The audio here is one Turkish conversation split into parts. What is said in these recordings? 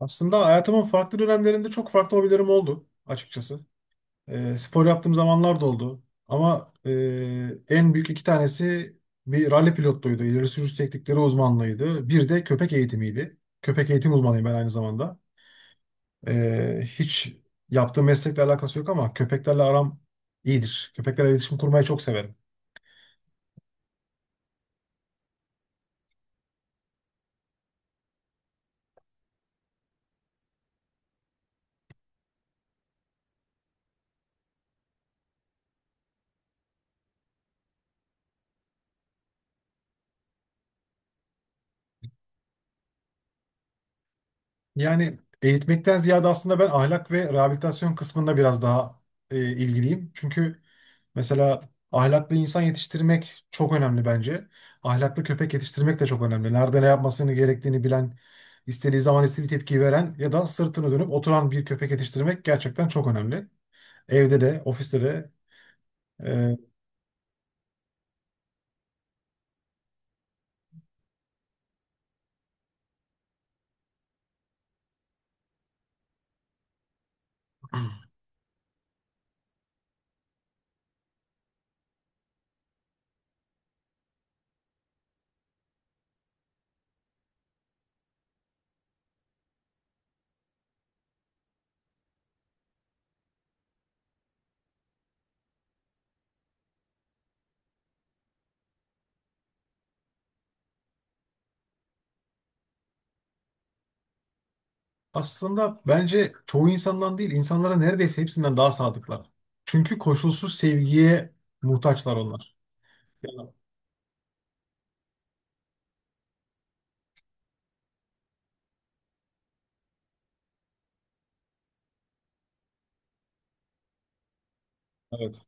Aslında hayatımın farklı dönemlerinde çok farklı hobilerim oldu açıkçası. Spor yaptığım zamanlar da oldu. Ama en büyük iki tanesi bir ralli pilotluydu. İleri sürüş teknikleri uzmanlığıydı. Bir de köpek eğitimiydi. Köpek eğitim uzmanıyım ben aynı zamanda. Hiç yaptığım meslekle alakası yok ama köpeklerle aram iyidir. Köpeklerle iletişim kurmayı çok severim. Yani eğitmekten ziyade aslında ben ahlak ve rehabilitasyon kısmında biraz daha ilgiliyim. Çünkü mesela ahlaklı insan yetiştirmek çok önemli bence. Ahlaklı köpek yetiştirmek de çok önemli. Nerede ne yapmasını gerektiğini bilen, istediği zaman istediği tepkiyi veren ya da sırtını dönüp oturan bir köpek yetiştirmek gerçekten çok önemli. Evde de, ofiste de. e, Aslında bence çoğu insandan değil, insanlara neredeyse hepsinden daha sadıklar. Çünkü koşulsuz sevgiye muhtaçlar onlar. Yani, evet.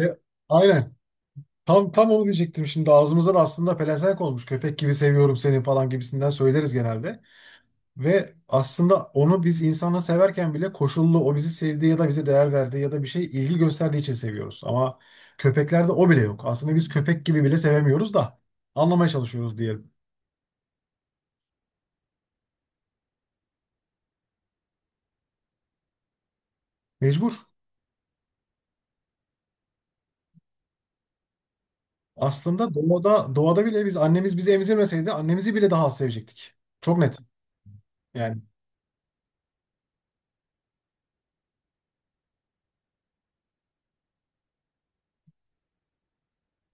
E, aynen. Tam onu diyecektim şimdi. Ağzımıza da aslında pelesenk olmuş. "Köpek gibi seviyorum seni" falan gibisinden söyleriz genelde. Ve aslında onu biz insanla severken bile koşullu, o bizi sevdiği ya da bize değer verdiği ya da bir şey ilgi gösterdiği için seviyoruz. Ama köpeklerde o bile yok. Aslında biz köpek gibi bile sevemiyoruz da anlamaya çalışıyoruz diyelim. Mecbur. Aslında doğada bile biz annemiz bizi emzirmeseydi annemizi bile daha az sevecektik. Çok net. Yani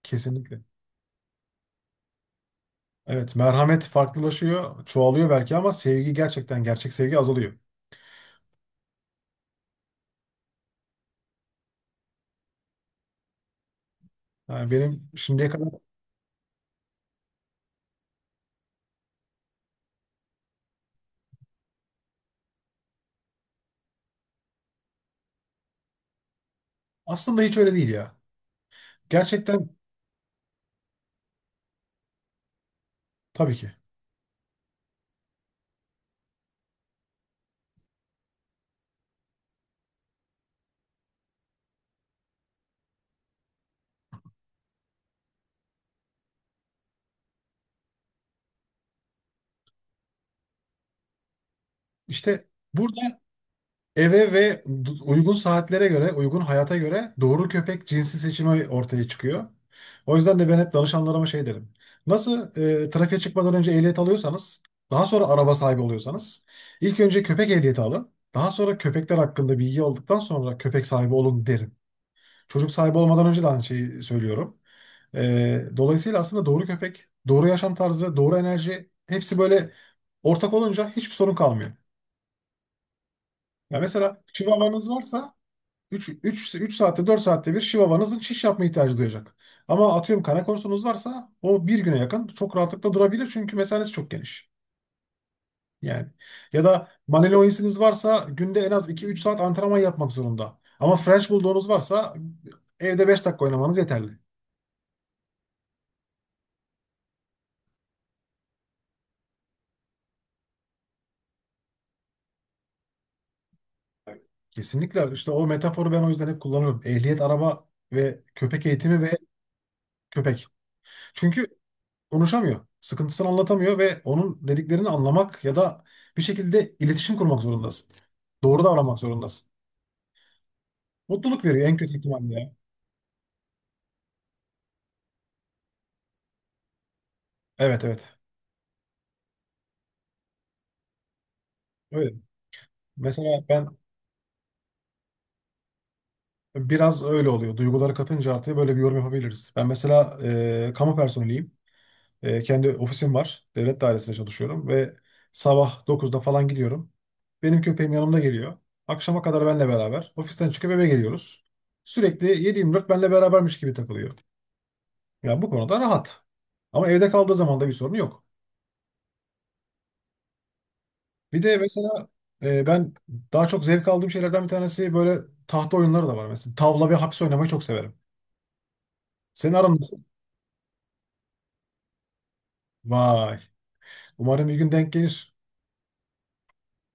kesinlikle. Evet, merhamet farklılaşıyor, çoğalıyor belki ama sevgi gerçekten, gerçek sevgi azalıyor. Yani benim şimdiye kadar aslında hiç öyle değil ya. Gerçekten, tabii ki. İşte burada eve ve uygun saatlere göre, uygun hayata göre doğru köpek cinsi seçimi ortaya çıkıyor. O yüzden de ben hep danışanlarıma şey derim. Nasıl trafiğe çıkmadan önce ehliyet alıyorsanız, daha sonra araba sahibi oluyorsanız, ilk önce köpek ehliyeti alın. Daha sonra köpekler hakkında bilgi aldıktan sonra köpek sahibi olun derim. Çocuk sahibi olmadan önce de aynı şeyi söylüyorum. Dolayısıyla aslında doğru köpek, doğru yaşam tarzı, doğru enerji hepsi böyle ortak olunca hiçbir sorun kalmıyor. Ya mesela Chihuahua'nız varsa 3, 3 3 saatte, 4 saatte bir Chihuahua'nızın şiş yapma ihtiyacı duyacak. Ama atıyorum kana korsunuz varsa o bir güne yakın çok rahatlıkla durabilir çünkü mesanesi çok geniş. Yani ya da Malinois'iniz varsa günde en az iki üç saat antrenman yapmak zorunda. Ama French Bulldog'unuz varsa evde 5 dakika oynamanız yeterli. Kesinlikle, işte o metaforu ben o yüzden hep kullanıyorum. Ehliyet, araba ve köpek eğitimi ve köpek. Çünkü konuşamıyor. Sıkıntısını anlatamıyor ve onun dediklerini anlamak ya da bir şekilde iletişim kurmak zorundasın. Doğru davranmak zorundasın. Mutluluk veriyor en kötü ihtimalle, ya. Evet, evet. Öyle. Mesela ben biraz öyle oluyor. Duyguları katınca artıya böyle bir yorum yapabiliriz. Ben mesela kamu personeliyim. Kendi ofisim var. Devlet dairesinde çalışıyorum ve sabah 9'da falan gidiyorum. Benim köpeğim yanımda geliyor. Akşama kadar benle beraber. Ofisten çıkıp eve geliyoruz. Sürekli 7-24 benle berabermiş gibi takılıyor. Yani bu konuda rahat. Ama evde kaldığı zaman da bir sorun yok. Bir de mesela ben daha çok zevk aldığım şeylerden bir tanesi böyle tahta oyunları da var. Mesela tavla ve hapis oynamayı çok severim. Senin aran nasıl? Vay. Umarım bir gün denk gelir.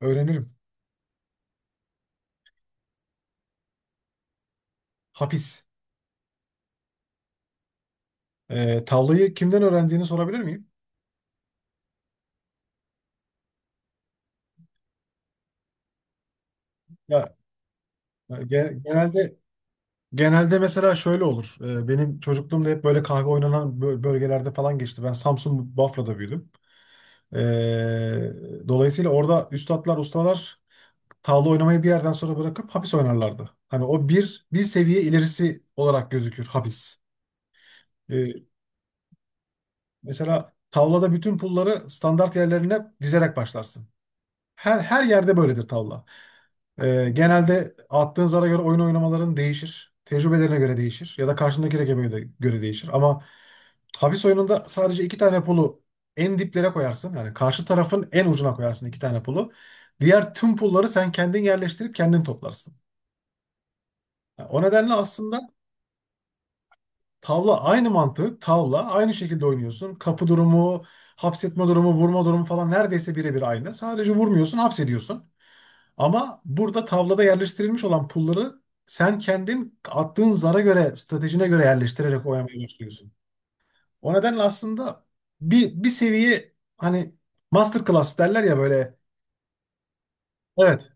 Öğrenirim. Hapis. Tavlayı kimden öğrendiğini sorabilir miyim? Ya Ya gen- Genelde genelde mesela şöyle olur. Benim çocukluğumda hep böyle kahve oynanan bölgelerde falan geçti. Ben Samsun Bafra'da büyüdüm. Ee, Dolayısıyla orada üstatlar, ustalar tavla oynamayı bir yerden sonra bırakıp hapis oynarlardı. Hani o bir seviye ilerisi olarak gözükür hapis. Ee, Mesela tavlada bütün pulları standart yerlerine dizerek başlarsın. Her yerde böyledir tavla. Genelde attığın zara göre oyun oynamaların değişir. Tecrübelerine göre değişir. Ya da karşındaki rakibe göre değişir. Ama hapis oyununda sadece iki tane pulu en diplere koyarsın. Yani karşı tarafın en ucuna koyarsın iki tane pulu. Diğer tüm pulları sen kendin yerleştirip kendin toplarsın. Yani o nedenle aslında tavla aynı mantık. Tavla aynı şekilde oynuyorsun. Kapı durumu, hapsetme durumu, vurma durumu falan neredeyse birebir aynı. Sadece vurmuyorsun, hapsediyorsun. Ama burada tavlada yerleştirilmiş olan pulları sen kendin attığın zara göre, stratejine göre yerleştirerek oynamaya başlıyorsun. O nedenle aslında bir seviye, hani masterclass derler ya, böyle. Evet,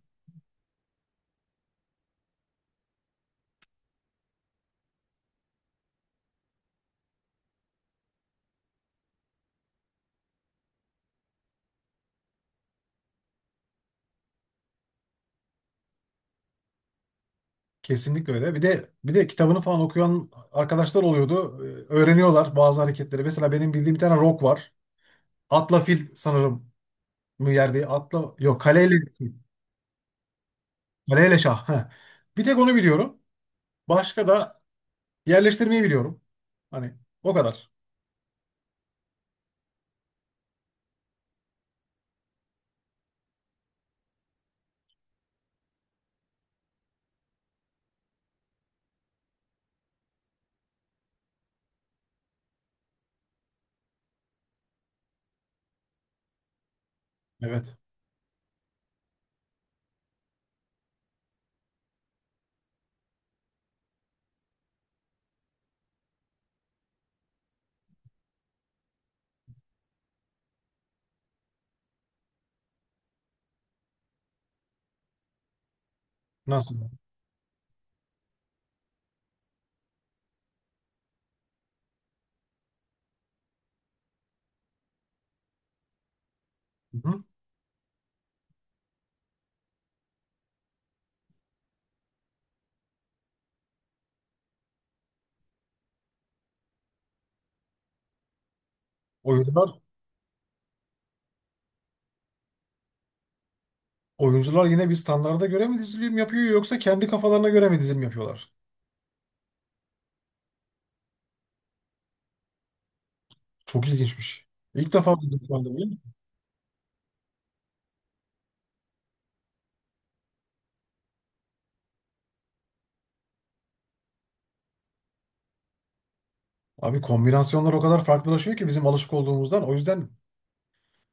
kesinlikle öyle. Bir de kitabını falan okuyan arkadaşlar oluyordu. Öğreniyorlar bazı hareketleri. Mesela benim bildiğim bir tane rock var. Atla fil sanırım mı yerde? Atla, yok, kaleyle şah. Heh. Bir tek onu biliyorum. Başka da yerleştirmeyi biliyorum. Hani o kadar. Evet. Nasıl? Hı-hı. Oyuncular oyuncular yine bir standarda göre mi dizilim yapıyor yoksa kendi kafalarına göre mi dizilim yapıyorlar? Çok ilginçmiş. İlk defa duydum şu anda bunu. Abi, kombinasyonlar o kadar farklılaşıyor ki bizim alışık olduğumuzdan. O yüzden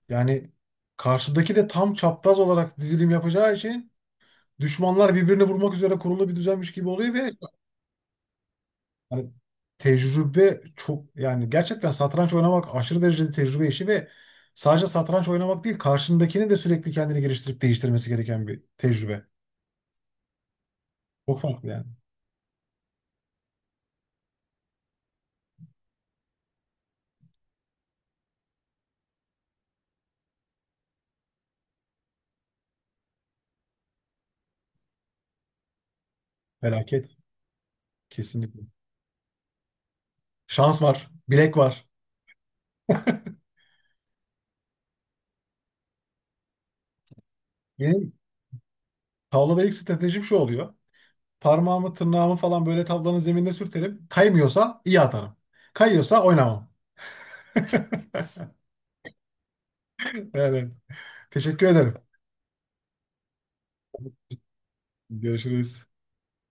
yani karşıdaki de tam çapraz olarak dizilim yapacağı için düşmanlar birbirini vurmak üzere kurulu bir düzenmiş gibi oluyor ve hani tecrübe çok, yani gerçekten satranç oynamak aşırı derecede tecrübe işi ve sadece satranç oynamak değil, karşındakini de sürekli kendini geliştirip değiştirmesi gereken bir tecrübe. Çok farklı yani. Felaket. Kesinlikle. Şans var. Bilek var. Benim tavlada ilk stratejim şu oluyor. Parmağımı, tırnağımı falan böyle tavlanın zeminine sürterim. Kaymıyorsa iyi atarım. Kayıyorsa oynamam. Evet. Teşekkür ederim. Görüşürüz.